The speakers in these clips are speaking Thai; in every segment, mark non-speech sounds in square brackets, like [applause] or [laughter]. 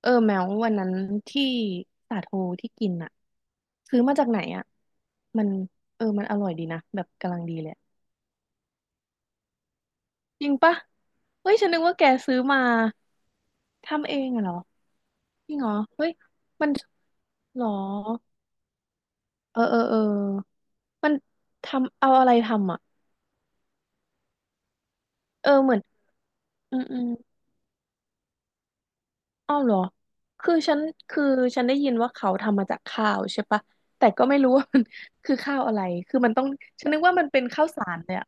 เออแมววันนั้นที่สาโทที่กินอะซื้อมาจากไหนอะมันเออมันอร่อยดีนะแบบกำลังดีเลยอะจริงปะเฮ้ยฉันนึกว่าแกซื้อมาทำเองอะเหรอจริงเหรอเฮ้ยมันเหรอเออเออเออมันทำเอาอะไรทำอะเออเหมือนอืมอืมอ้าวเหรอคือฉันคือฉันได้ยินว่าเขาทำมาจากข้าวใช่ปะแต่ก็ไม่รู้ว่ามัน [laughs] คือข้าวอะไรคือมันต้องฉันนึกว่ามันเป็นข้าวสารเลยอะ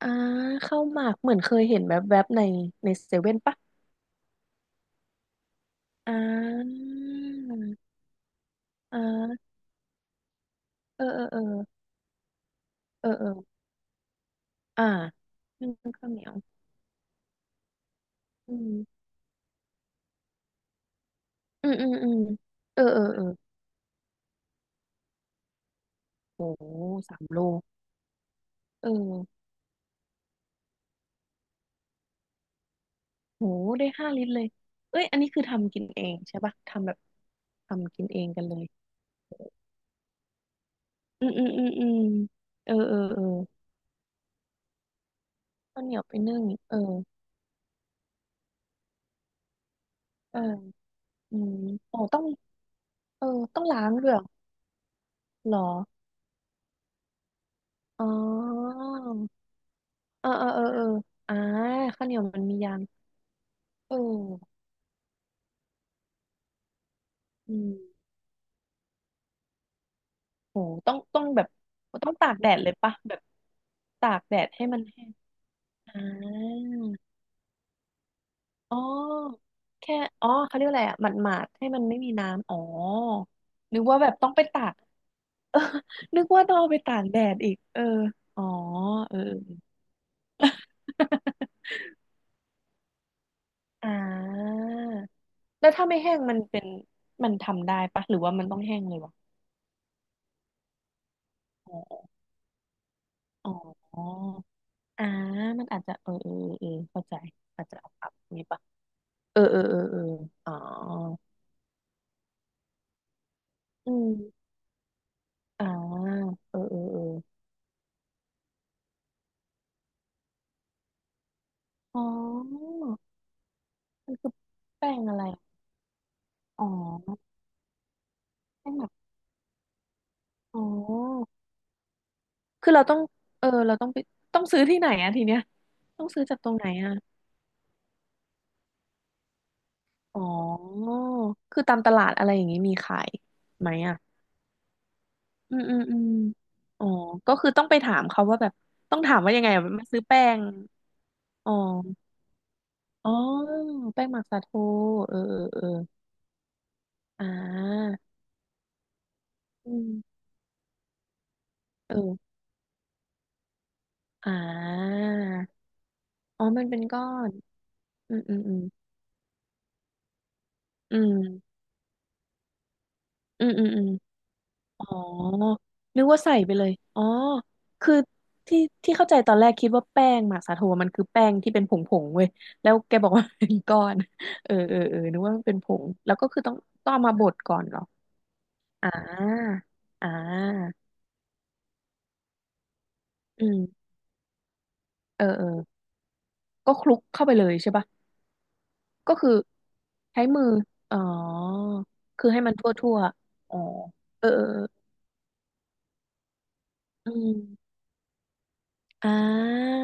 อ่าข้าวหมากเหมือนเคยเห็นแวบๆในในเซเว่นปะอ่าอ่าเออเออเออเออเอออ่านึ่งข้าวเหนียวอืมอืมอืมอืมเออเออเออโห3 โลเออโหได้5 ลิตรเลยเอ้ยอันนี้คือทำกินเองใช่ปะทำแบบทำกินเองกันเลยอืมอืมอืมอืมเออเออเออข้าวเหนียวไปนึ่งเออเอออืมโอ้ต้องเออต้องล้างด้วยเหรออ๋อ เออเออเออเอออ่าข้าวเหนียวมันมียางเอออืมโหต้องต้องแบบต้องตากแดดเลยปะแบบตากแดดให้มันแห้งอ่าอ๋อแค่อ๋อเขาเรียกอะไรอ่ะหมาดๆให้มันไม่มีน้ำอ๋อนึกว่าแบบต้องไปตาก [laughs] เออนึกว่าต้องเอาไปตากแดดอีกเอออ๋อเออ [laughs] เอออ่าแล้วถ้าไม่แห้งมันเป็นมันทำได้ปะหรือว่ามันต้องแห้งเลยวะอ๋ออ๋อ อ่ามันอาจจะเออเออเออเข้าใจอาจจะเอาปรับนี้ปะเออเออเออเอออ๋ออืมอ่าเออเออเอออ๋อมันคือแป้งอะไรอ๋อแป้งหมักอ๋อคือเราต้องเออเราต้องไปต้องซื้อที่ไหนอะทีเนี้ยต้องซื้อจากตรงไหนอะอ๋อคือตามตลาดอะไรอย่างงี้มีขายไหมอะอืมอืมอืมอ๋อก็คือต้องไปถามเขาว่าแบบต้องถามว่ายังไงอะมาซื้อแป้งอ๋อ อ๋อแป้งหมักสาโทเออเออเอออ่าอืมเอออ่าอ๋อมันเป็นก้อนอืมอืมอืมอืมอืมอืมอืมอ๋อนึกว่าใส่ไปเลยอ๋อคือที่ที่เข้าใจตอนแรกคิดว่าแป้งหมักสาโทมันคือแป้งที่เป็นผงผงเว้ยแล้วแกบอกว่าเป็นก้อน [laughs] เออเออเออนึกว่ามันเป็นผงแล้วก็คือต้องต้องเอามาบดก่อนเหรออ่าอ่าอืมเออเออก็คลุกเข้าไปเลยใช่ปะ ก็คือใช้มือ อ๋อ คือให้มันทั่วทั่วอ๋อเออเออเออ อืมอ่า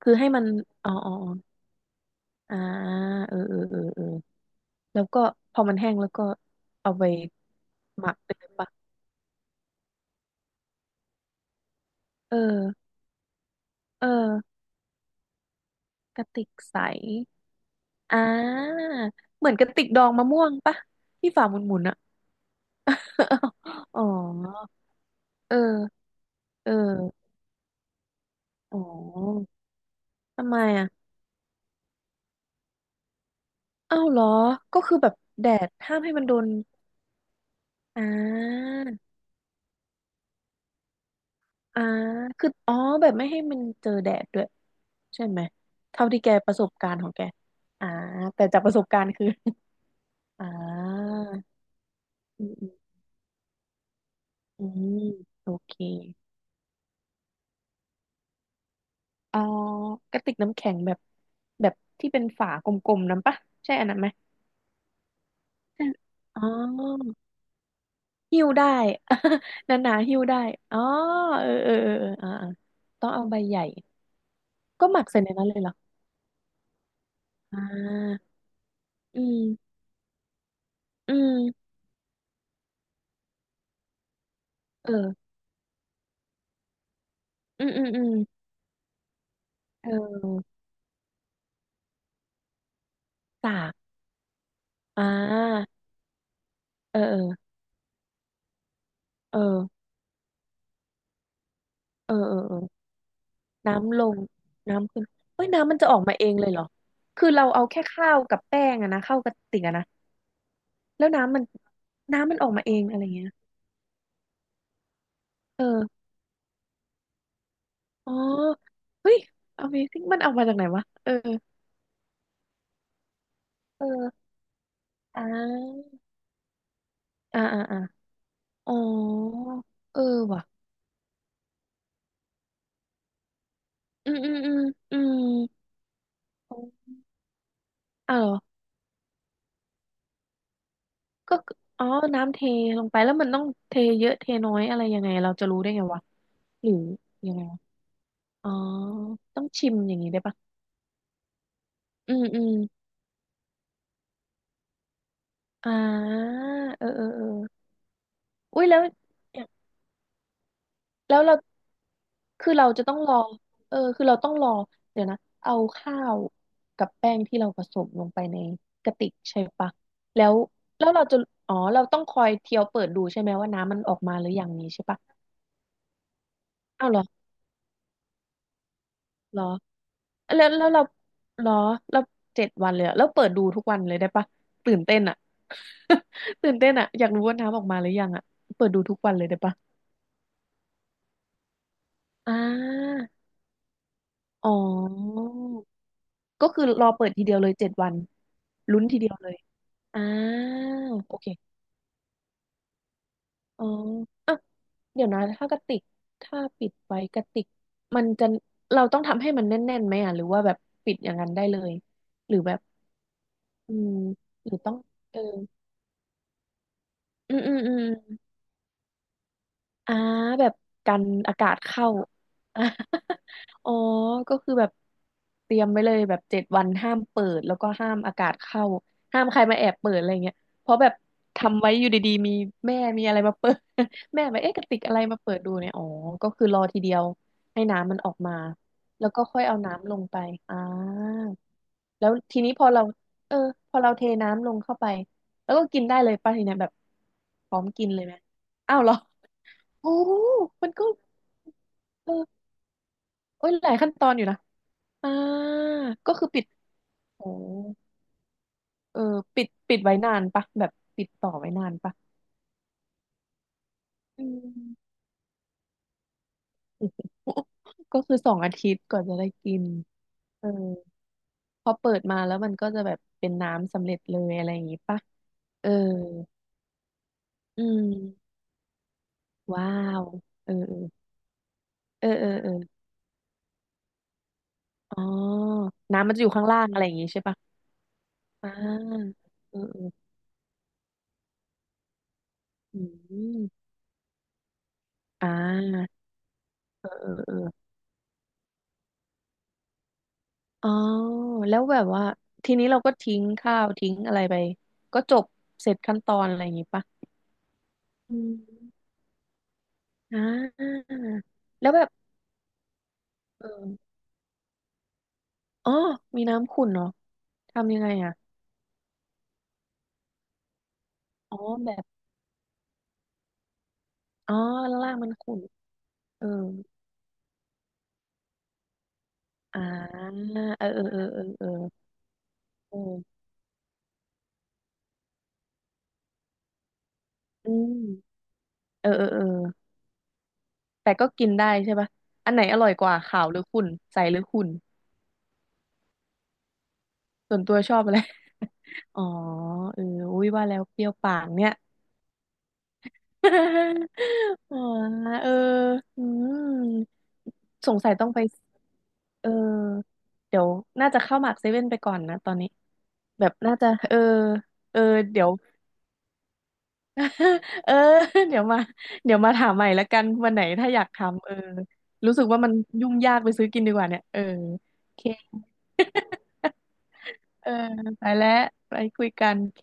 คือให้มัน อ๋ออ๋ออ๋ออ่าเออเออเออเออแล้วก็พอมันแห้งแล้วก็เอาไปหมักเลยปะเออเออกระติกใสอ่าเหมือนกระติกดองมะม่วงปะที่ฝาหมุนๆอ่ะ [laughs] อ๋อเออเอออ๋อทำไมอ่ะ อ้าวเหรอก็คือแบบแดดห้ามให้มันโดนอ่าอ่าคืออ๋อแบบไม่ให้มันเจอแดดด้วยใช่ไหม เท่าที่แกประสบการณ์ของแกอ่าแต่จากประสบการณ์คือ [laughs] อ่าอืมอืมอืมโอเคเอ่อกระติกน้ำแข็งแบบแบบที่เป็นฝากลมๆนั้นปะ ใช่อันนั้นไหมใช่อ๋อหิ้วได้ [laughs] หนาๆหิ้วได้อ๋อเออเออเออเอออ่าอ่าต้องเอาใบใหญ่ ก็หมักใส่ในนั้นเลยเหรอ อ่าอืมอืมเอออืมอืมอืมเออสากอ่าเออเออเออเออเออน้ำลงน้ำขึ้นเฮ้ยน้ำมันจะออกมาเองเลยเหรอ คือเราเอาแค่ข้าวกับแป้งอะนะเข้ากระติกอะนะ แล้วน้ำมันน้ำมันออกมาเองอะไรเงี้ยเอออ๋อเฮ้ย Amazing มันเอามาจากไหนวะเออเอออ่าอ่าอ่าอ่าอ๋อเออว่ะอืมอืมอืมอืมอ๋อ ก็คืออ๋อน้ำเทลงไปแล้วมันต้องเทเยอะเทน้อยอะไรยังไงเราจะรู้ได้ไงวะหรือยังไงวะอ๋อต้องชิมอย่างนี้ได้ปะอืมอืมอ่าเออเออเอออุ้ยแล้วแล้วเราคือเราจะต้องรอเออคือเราต้องรอเดี๋ยวนะเอาข้าวกับแป้งที่เราผสมลงไปในกระติกใช่ปะแล้วแล้วเราจะอ๋อเราต้องคอยเทียวเปิดดูใช่ไหมว่าน้ำมันออกมาหรือยังนี้ใช่ปะอ้าวเหรอเหรอ แล้วแล้วเราเหรอเราเจ็ดวันเลยอะแล้วเปิดดูทุกวันเลยได้ปะตื่นเต้นอ่ะ [laughs] ตื่นเต้นอ่ะอยากรู้ว่าน้ำออกมาหรือยังอ่ะเปิดดูทุกวันเลยได้ปะอ่าอ๋อก็คือรอเปิดทีเดียวเลยเจ็ดวันลุ้นทีเดียวเลยอ่าโอเคอ๋ออ่ะเดี๋ยวนะถ้ากระติกถ้าปิดไว้กระติกมันจะเราต้องทำให้มันแน่นๆไหมอ่ะหรือว่าแบบปิดอย่างนั้นได้เลยหรือแบบอืมหรือต้องเอออืมอืมอืม อ่าแบบกันอากาศเข้า [laughs] อ่า [laughs] อ๋อก็คือแบบเตรียมไว้เลยแบบเจ็ดวันห้ามเปิดแล้วก็ห้ามอากาศเข้าห้ามใครมาแอบเปิดอะไรเงี้ยเพราะแบบทำไว้อยู่ดีๆมีแม่มีอะไรมาเปิด [laughs] แม่แบบเอ๊ะกระติกอะไรมาเปิดดูเนี่ยอ๋อก็คือรอทีเดียวให้น้ำมันออกมาแล้วก็ค่อยเอาน้ำลงไปอ่าแล้วทีนี้พอเราเออพอเราเทน้ำลงเข้าไปแล้วก็กินได้เลยป่ะทีเนี้ยแบบพร้อมกินเลยไหมอ้าวเหรอ โอ้มันก็เออโอ้ยหลายขั้นตอนอยู่นะอ่าก็คือปิดโอ้เออปิดไว้นานปะแบบปิดต่อไว้นานปะอืมก็คือสองอาทิตย์ก่อนจะได้กินเออพอเปิดมาแล้วมันก็จะแบบเป็นน้ำสำเร็จเลยอะไรอย่างงี้ปะเอออืมว้าวเออเออเออเออเอออ๋อน้ำมันจะอยู่ข้างล่างอะไรอย่างงี้ใช่ปะอ่าเออเอออืมอ่า อ๋อแล้วแบบว่าทีนี้เราก็ทิ้งข้าวทิ้งอะไรไปก็จบเสร็จขั้นตอนอะไรอย่างงี้ปะอืมอ่าแล้วแบบเอออ๋อมีน้ำขุ่นเหรอทำยังไงอ่ะอ๋อแบบอ๋อลวล่างมันขุ่นเอออ่าเออเออเออเออเออเอออืมเออเออเออแต่ก็กินได้ใช่ปะอันไหนอร่อยกว่าขาวหรือขุ่นใสหรือขุ่นส่วนตัวชอบอะไร [laughs] อ๋อเอออุ้ยว่าแล้วเปรี้ยวปากเนี่ย [laughs] อ๋อเอออืมสงสัยต้องไปเออเดี๋ยวน่าจะเข้าหมากเซเว่นไปก่อนนะตอนนี้แบบน่าจะเออเออเดี๋ยว [laughs] เออเดี๋ยวมาเดี๋ยวมาถามใหม่ละกันวันไหนถ้าอยากทำเออรู้สึกว่ามันยุ่งยากไปซื้อกินดีกว่าเนี่ยเออโอเคเออไปแล้วไปคุยกันโอเค